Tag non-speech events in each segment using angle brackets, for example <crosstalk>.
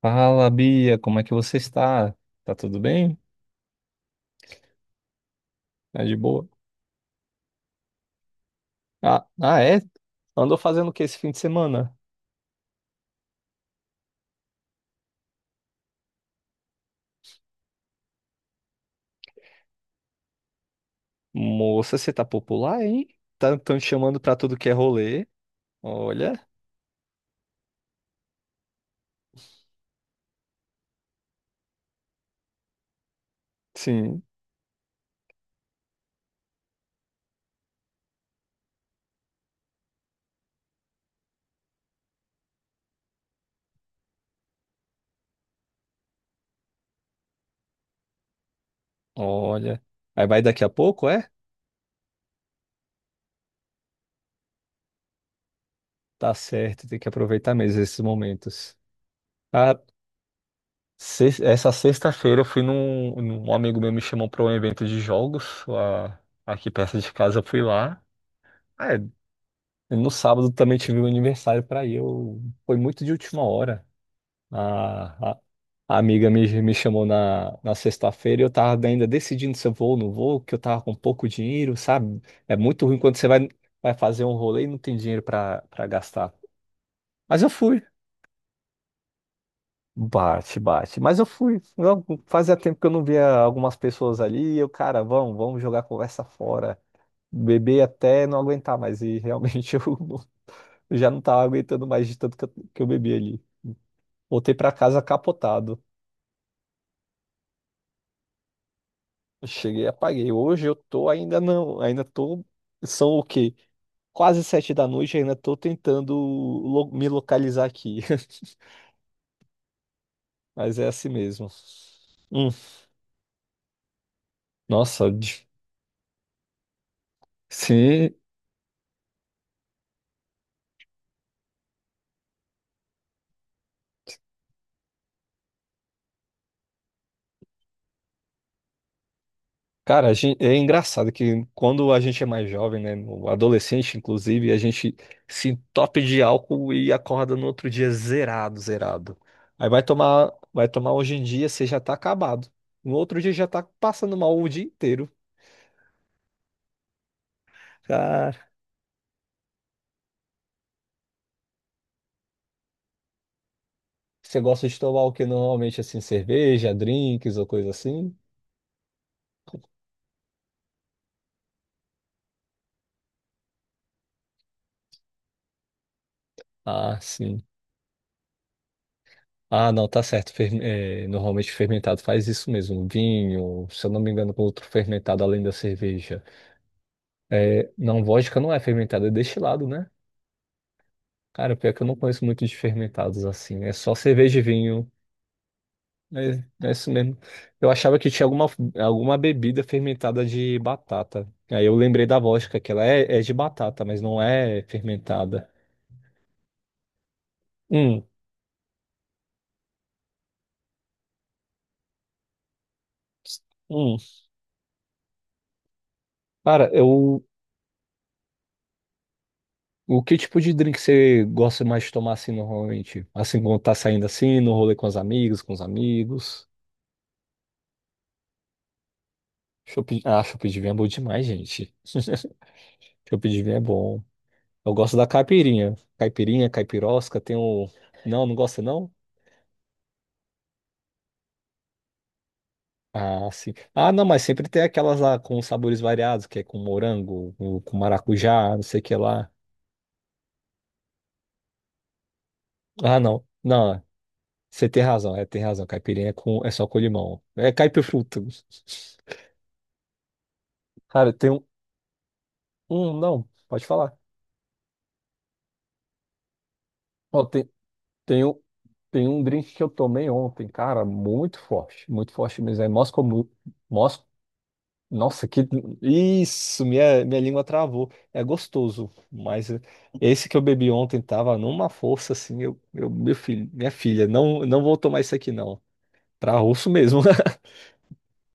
Fala, Bia, como é que você está? Tá tudo bem? Tá de boa? Ah, é? Andou fazendo o que esse fim de semana? Moça, você tá popular, hein? Tá tão te chamando pra tudo que é rolê. Olha, sim, olha. Aí vai daqui a pouco, é? Tá certo, tem que aproveitar mesmo esses momentos. Ah, essa sexta-feira eu fui um amigo meu me chamou pra um evento de jogos lá, aqui perto de casa, eu fui lá. Ah, é. No sábado também tive um aniversário para ir. Eu... foi muito de última hora. A, a- a amiga me chamou na sexta-feira e eu tava ainda decidindo se eu vou ou não vou, que eu tava com pouco dinheiro, sabe? É muito ruim quando você vai fazer um rolê e não tem dinheiro para gastar. Mas eu fui. Bate, bate. Mas eu fui. Fazia tempo que eu não via algumas pessoas ali. E eu, cara, vamos jogar a conversa fora. Beber até não aguentar mais. E realmente <laughs> eu já não tava aguentando mais de tanto que que eu bebi ali. Voltei pra casa capotado. Eu Cheguei e apaguei. Hoje eu tô ainda não, ainda tô. São o quê? Quase sete da noite, ainda tô tentando me localizar aqui. <laughs> Mas é assim mesmo. Hum, nossa, de- sim. Cara, a gente, é engraçado que, quando a gente é mais jovem, né, no adolescente inclusive, a gente se entope de álcool e acorda no outro dia zerado, zerado. Aí vai tomar hoje em dia, você já tá acabado. No outro dia já tá passando mal o dia inteiro. Cara, você gosta de tomar o que normalmente, assim, cerveja, drinks ou coisa assim? Ah, sim. Ah, não, tá certo. Normalmente fermentado faz isso mesmo. Vinho, se eu não me engano, com outro fermentado além da cerveja. É, não, vodka não é fermentada, é destilado, né? Cara, pior que eu não conheço muito de fermentados assim. É só cerveja e vinho. É, é isso mesmo. Eu achava que tinha alguma bebida fermentada de batata. Aí eu lembrei da vodka, que ela é de batata, mas não é fermentada. Hum, hum. Cara, eu. O que tipo de drink você gosta mais de tomar assim normalmente? Assim, quando tá saindo assim, no rolê com as amigas, com os amigos? Chopp, ah, chopp de vinho é bom demais, gente. Chopp de vinho é bom. Eu gosto da caipirinha. Caipirinha, caipirosca, tem o. Não, não gosta não? Ah, sim. Ah, não, mas sempre tem aquelas lá com sabores variados, que é com morango, com maracujá, não sei o que lá. Ah, não. Não, você tem razão, é, tem razão. Caipirinha é, com... é só com limão. É caipifruta. Cara, tem um. Um, Não, pode falar. Ó, tem, um, tem um drink que eu tomei ontem, cara, muito forte mesmo. É Moscow Mule. Nossa, que. Isso, minha língua travou. É gostoso, mas esse que eu bebi ontem tava numa força assim. Meu filho, minha filha, não, não vou tomar isso aqui não. Pra russo mesmo. <laughs>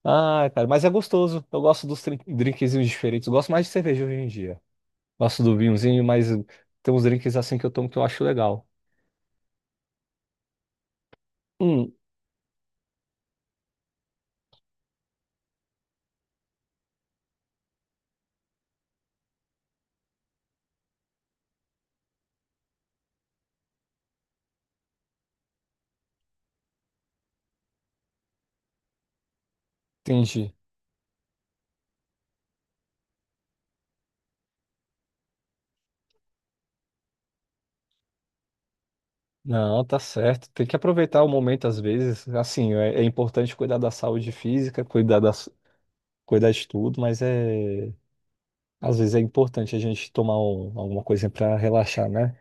Ah, cara, mas é gostoso. Eu gosto dos drinkzinhos diferentes. Eu gosto mais de cerveja hoje em dia. Gosto do vinhozinho, mas tem uns drinks assim que eu tomo que eu acho legal. Hum, entendi. Não, tá certo. Tem que aproveitar o momento às vezes. Assim, é, é importante cuidar da saúde física, cuidar de tudo, mas às vezes é importante a gente tomar alguma coisa para relaxar, né?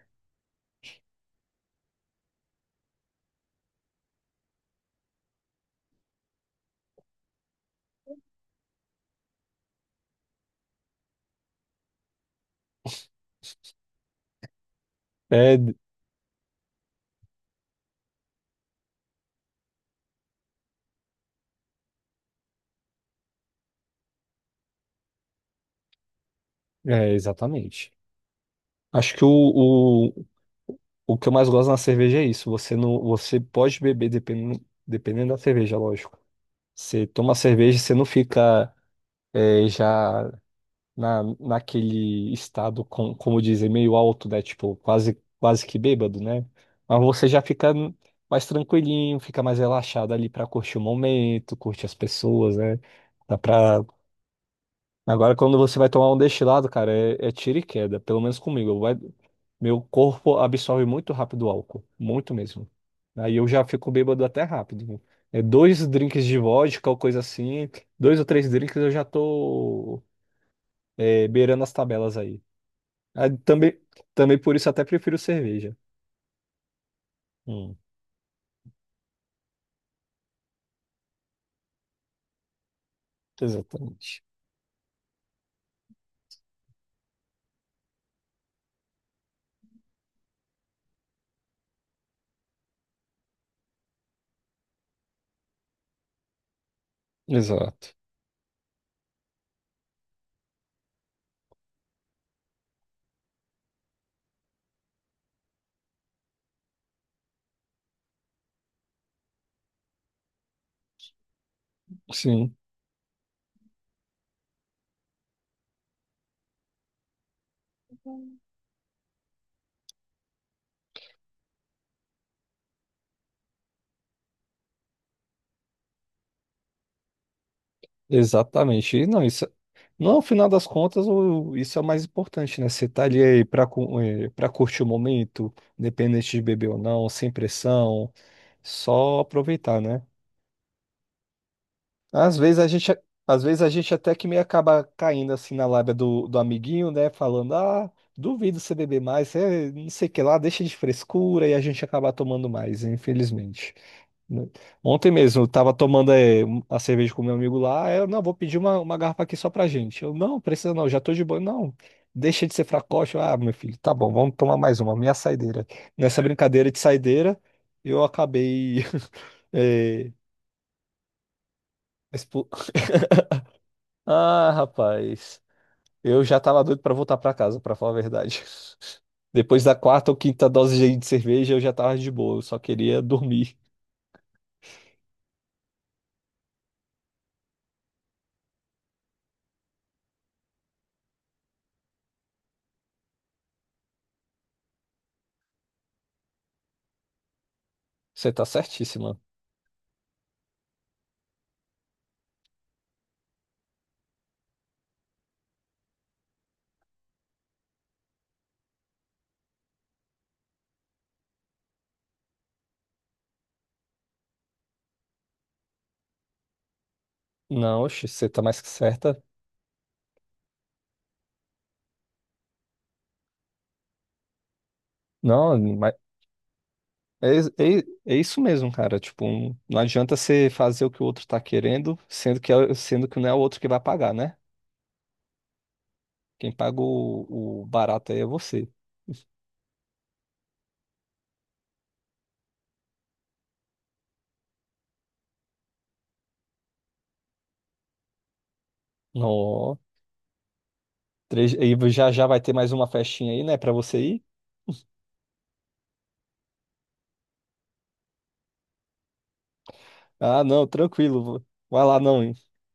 É, é, exatamente. Acho que o que eu mais gosto na cerveja é isso. Você não, você pode beber dependendo da cerveja, lógico. Você toma cerveja, você não fica é, já naquele estado, com, como dizem, meio alto, né? Tipo, quase que bêbado, né? Mas você já fica mais tranquilinho, fica mais relaxado ali pra curtir o momento, curtir as pessoas, né? Dá pra... Agora, quando você vai tomar um destilado, cara, é, é tiro e queda, pelo menos comigo. Meu corpo absorve muito rápido o álcool, muito mesmo. Aí eu já fico bêbado até rápido. É dois drinks de vodka ou coisa assim, dois ou três drinks eu já tô é, beirando as tabelas aí. Ah, também, também por isso até prefiro cerveja. Hum, exatamente. Exato. Sim, exatamente. E não, isso, não, no final das contas, isso é o mais importante, né? Você tá ali aí pra, pra curtir o momento, independente de beber ou não, sem pressão, só aproveitar, né? Às vezes a gente, às vezes a gente até que meio acaba caindo assim na lábia do amiguinho, né? Falando, ah, duvido você beber mais, eh, não sei o que lá, deixa de frescura e a gente acaba tomando mais, infelizmente, né? Ontem mesmo, eu tava tomando a cerveja com meu amigo lá. Aí eu, não, vou pedir uma garrafa aqui só pra gente. Eu, não, precisa não, já tô de boa. Não, deixa de ser fracote. Eu, ah, meu filho, tá bom, vamos tomar mais uma, minha saideira. Nessa brincadeira de saideira, eu acabei. <laughs> eh, expo- <laughs> Ah, rapaz, eu já tava doido pra voltar pra casa, pra falar a verdade. <laughs> Depois da quarta ou quinta dose de cerveja, eu já tava de boa, eu só queria dormir. Você tá certíssima. Não, oxe, você tá mais que certa. Não, é, é isso mesmo, cara. Tipo, não adianta você fazer o que o outro tá querendo, sendo que, sendo que não é o outro que vai pagar, né? Quem paga o barato aí é você. Ó, <laughs> e já já vai ter mais uma festinha aí, né, pra você ir? Ah, não, tranquilo. Vai lá, não, hein?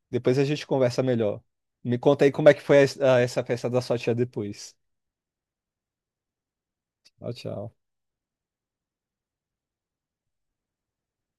Depois a gente conversa melhor. Me conta aí como é que foi essa festa da sua tia depois. Tchau, tchau.